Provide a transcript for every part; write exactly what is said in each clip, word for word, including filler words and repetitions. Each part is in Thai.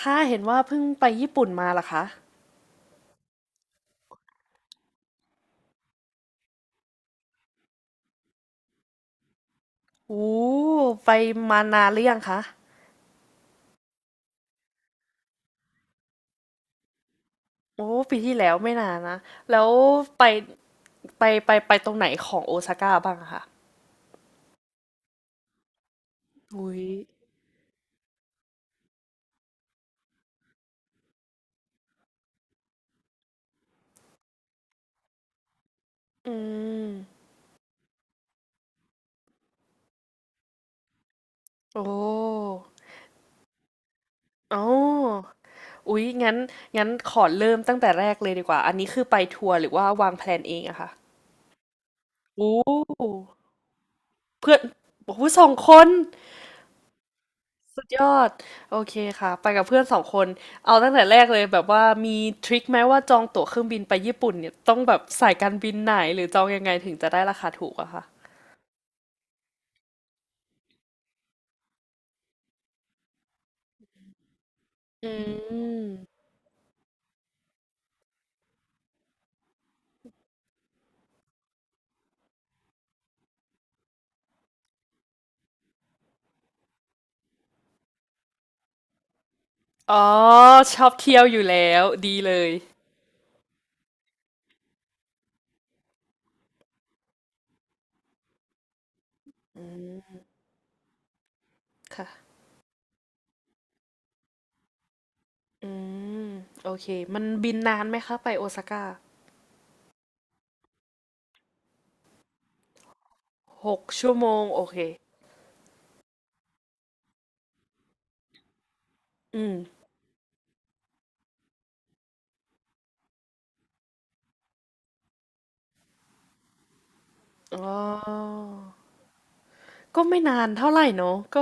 ค่ะเห็นว่าเพิ่งไปญี่ปุ่นมาเหรอคะโอ้ ไปมานานหรือยังคะโอ้ปีที่แล้วไม่นานนะ แล้วไปไปไปไปตรงไหนของโอซาก้าบ้างอะคะอุ้ยอืมโอ้อ๋ออุ๊ยงั้นงั้นขอเริ่มตั้งแต่แรกเลยดีกว่า อันนี้คือไปทัวร์หรือว่าวางแพลนเองอะคะโอ้ เพื่อนโอ้สองคน สุดยอดโอเคค่ะไปกับเพื่อนสองคนเอาตั้งแต่แรกเลยแบบว่ามีทริคไหมว่าจองตั๋วเครื่องบินไปญี่ปุ่นเนี่ยต้องแบบสายการบินไหนหรือจองยังไงถึงจะได้ราคาถูกอะค่ะอืมอ๋อชอบเที่ยวอยู่แล้วดีเลยอืมค่ะอืมโอเคมันบินนานไหมคะไปโอซาก้าหกชั่วโมงโอเคอืมอ๋อก็ไม่นานเท่าไหร่เนอะก็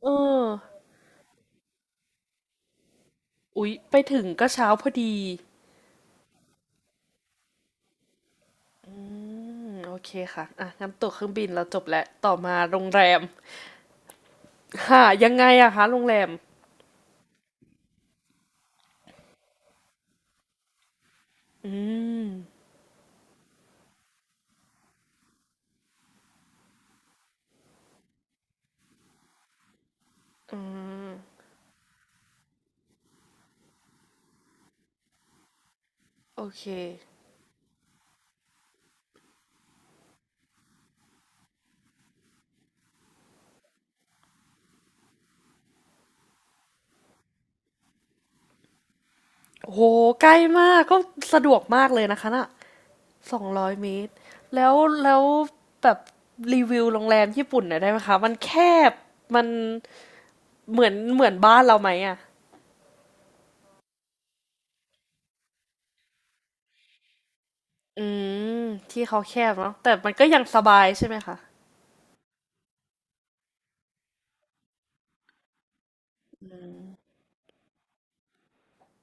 เอออุ๊ยไปถึงก็เช้าพอดี อืมโอเคค่ะอ่ะงั้นตั๋วเครื่องบินเราจบแล้วต่อมาโรงแรมค่ายังไงอะคะโรงแรมอืมอืมโอเคโอ้โหใกล้มากก็สะดวกมากเลยนะคะน่ะสองร้อยเมตรแล้วแล้วแบบรีวิวโรงแรมญี่ปุ่นหน่อยได้ไหมคะ มันแคบ มันเหมือนเหมือนบ้านเราไหมอะอืมที่เขาแคบเนาะแต่มันก็ยังสบายใช่ไหมคะ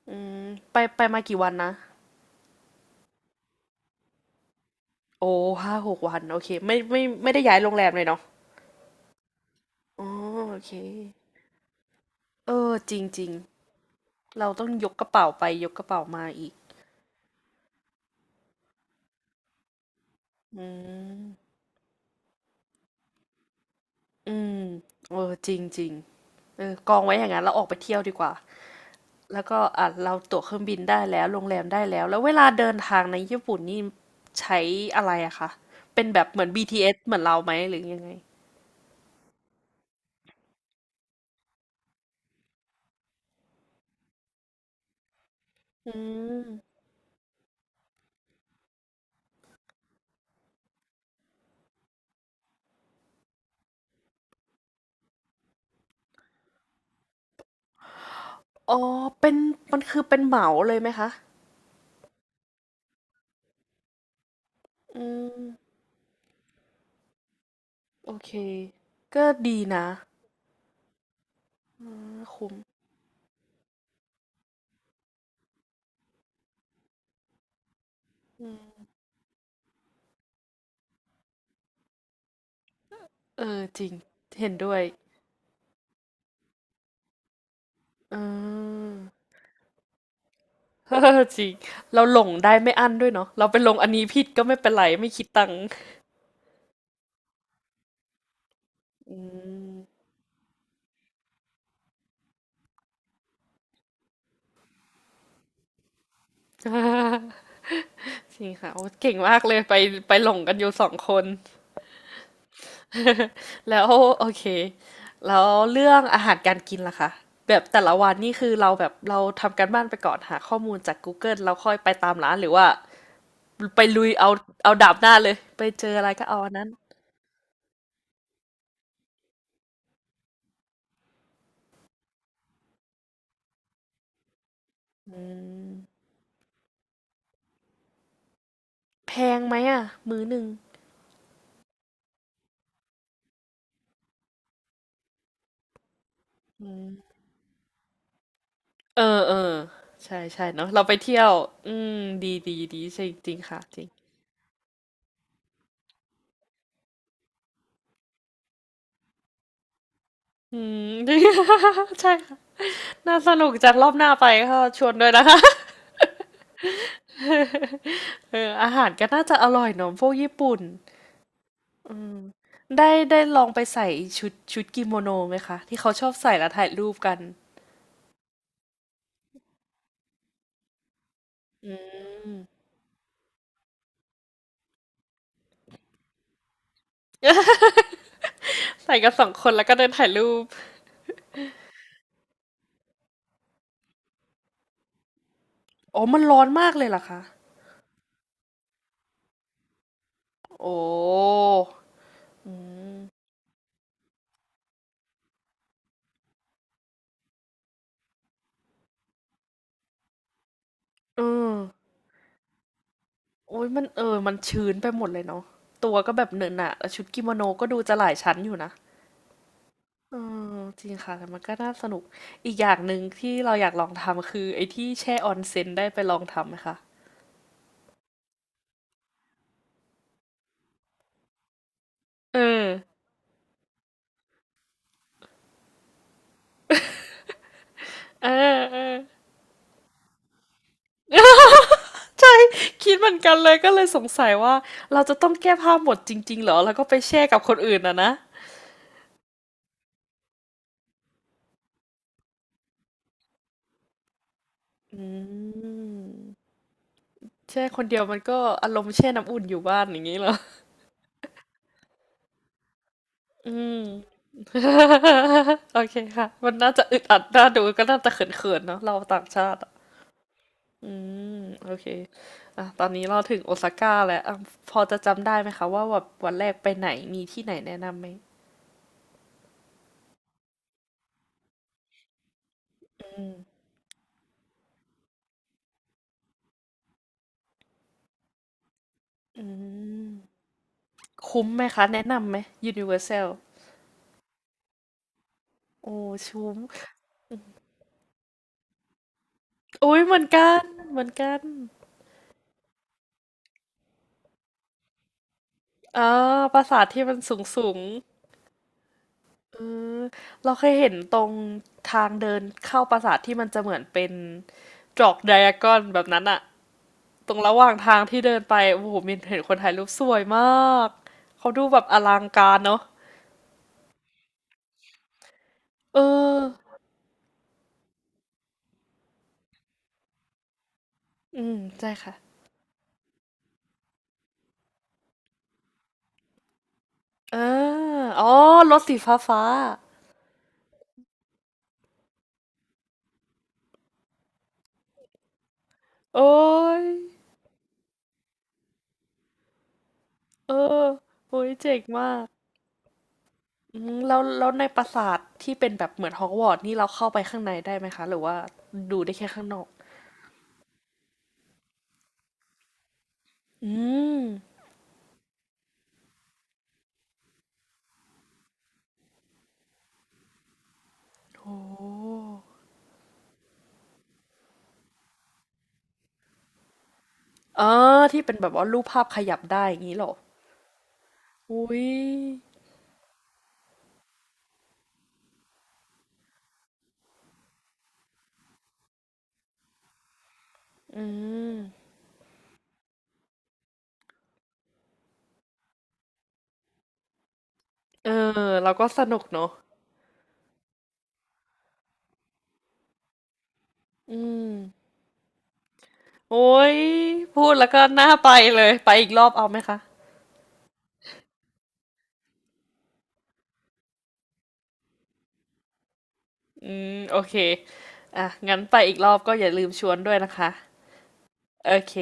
อืมไปไปมากี่วันนะ โอ้ห้าหกวันโอเคไม่ไม่ไม่ได้ย้ายโรงแรมเลยเนาะ อ๋อโอเคเออจริงๆเราต้องยกกระเป๋าไปยกกระเป๋ามาอีกอืมอืมเออจริงๆเออกองไว้อย่างนั้นเราออกไปเที่ยวดีกว่าแล้วก็อ่ะเราตั๋วเครื่องบินได้แล้วโรงแรมได้แล้ว แล้วเวลาเดินทางในญี่ปุ่นนี่ใช้อะไรอะคะเป็นแบบเหมือน บี ที เอส เอสเหมือนเราไหมหรือยังไงอืมอ๋อเป็นมันคือเป็นเหมาเลยไหมคะอืมโอเคก็ดีนะคุ้มเออจริงเห็นด้วย อา จริงเราหลงได้ไม่อั้นด้วยเนาะเราไปลงอันนี้ผิดก็ไม่เป็นไรไม่คิดตังค์อืม จริงค่ะโอ้เก่งมากเลยไปไปหลงกันอยู่สองคน แล้วโอเคแล้วเรื่องอาหารการกินล่ะคะแบบแต่ละวันนี่คือเราแบบเราทำการบ้านไปก่อนหาข้อมูลจากกูเกิลเราค่อยไปตามร้านหรือว่าไปลุยเอาเอาดาบหน้าเลยไปเจออะไรก็เอาอันนั้นแพงไหมอะมื้อหนึ่ง เออเออใช่ใช่เนาะเราไปเที่ยวอืมดีดีดีใช่จริงค่ะจริงอืม ใช่ค่ะน่าสนุกจัดรอบหน้าไปก็ชวนด้วยนะคะ เอออาหารก็น่าจะอร่อยเนาะพวกญี่ปุ่นอืมได้ได้ลองไปใส่ชุดชุดกิโมโนไหมคะที่เขาชอบใส่แล้วถ่ายรูปกันอืมใส่กันสองคนแล้วก็เดินถ่ายรูปอ๋อมันร้อนมากเลยเหรอคะโอ้อืมอืม โอ้ยมันเออมันชื้นไปหมดเลยเนาะตัวก็แบบเหนอะหนะแล้วชุดกิโมโนก็ดูจะหลายชั้นอยู่นะเออจริงค่ะแต่มันก็น่าสนุกอีกอย่างหนึ่งที่เราอยากลองทำคือไอ้ที่แช่ออนเซ็นได้ไปลองทำไหมคะเออเออๆ ใช่คิดเหมือนกันเลยก็เลยสงสัยว่าเราจะต้องแก้ผ้าหมดจริงๆเหรอแล้วก็ไปแช่กับคนอื่นอะนะอืมแช่คนเดียวมันก็อารมณ์แช่น้ำอุ่นอยู่บ้านอย่างงี้เหรอ อืม โอเคค่ะ มันน่าจะอึดอัดน่าดูก็น่าจะเขินๆเนาะเราต่างชาติอะอืม โอเคอ่ะตอนนี้เราถึงโอซาก้าแล้วอ่ะพอจะจำได้ไหมคะว่าแบบวันแรกไปไหนมีที่ไหนแนะนำไหม อืม อืม คุ้มไหมคะแนะนำไหม Universal โอ้ ชุ้มโอ้ย เหมือนกัน เหมือนกันอ่าปราสาทที่มันสูงสูง เออเราเคยเห็นตรงทางเดินเข้าปราสาทที่มันจะเหมือนเป็นจอกไดอะกอนแบบนั้นอะตรงระหว่างทางที่เดินไปโอ้โหมีนเห็นคนถ่ายรูปสวยมากเขาดูแบบอลังการเนาะเอออืมใช่ค่ะเอออ๋อรถสีฟ้าฟ้าโอ้ยเออโอ้ยเจ๋งมากอืมแล้วแล้วในปราสาทที่เป็นแบบเหมือนฮอกวอตส์นี่เราเข้าไปข้างในได้ไหมคะหรือว่าดูได้แค่ข้างนอกอืมโห อ๋อที่เป็นแบบว่ารูปภาพขยับได้อย่างงี้เหรออุ๊ยอืมเออเราก็สนุกเนอะอืมโอ้ยพูดแล้วก็น่าไปเลยไปอีกรอบเอาไหมคะ อืมโอเค อ่ะงั้นไปอีกรอบก็อย่าลืมชวนด้วยนะคะ โอเค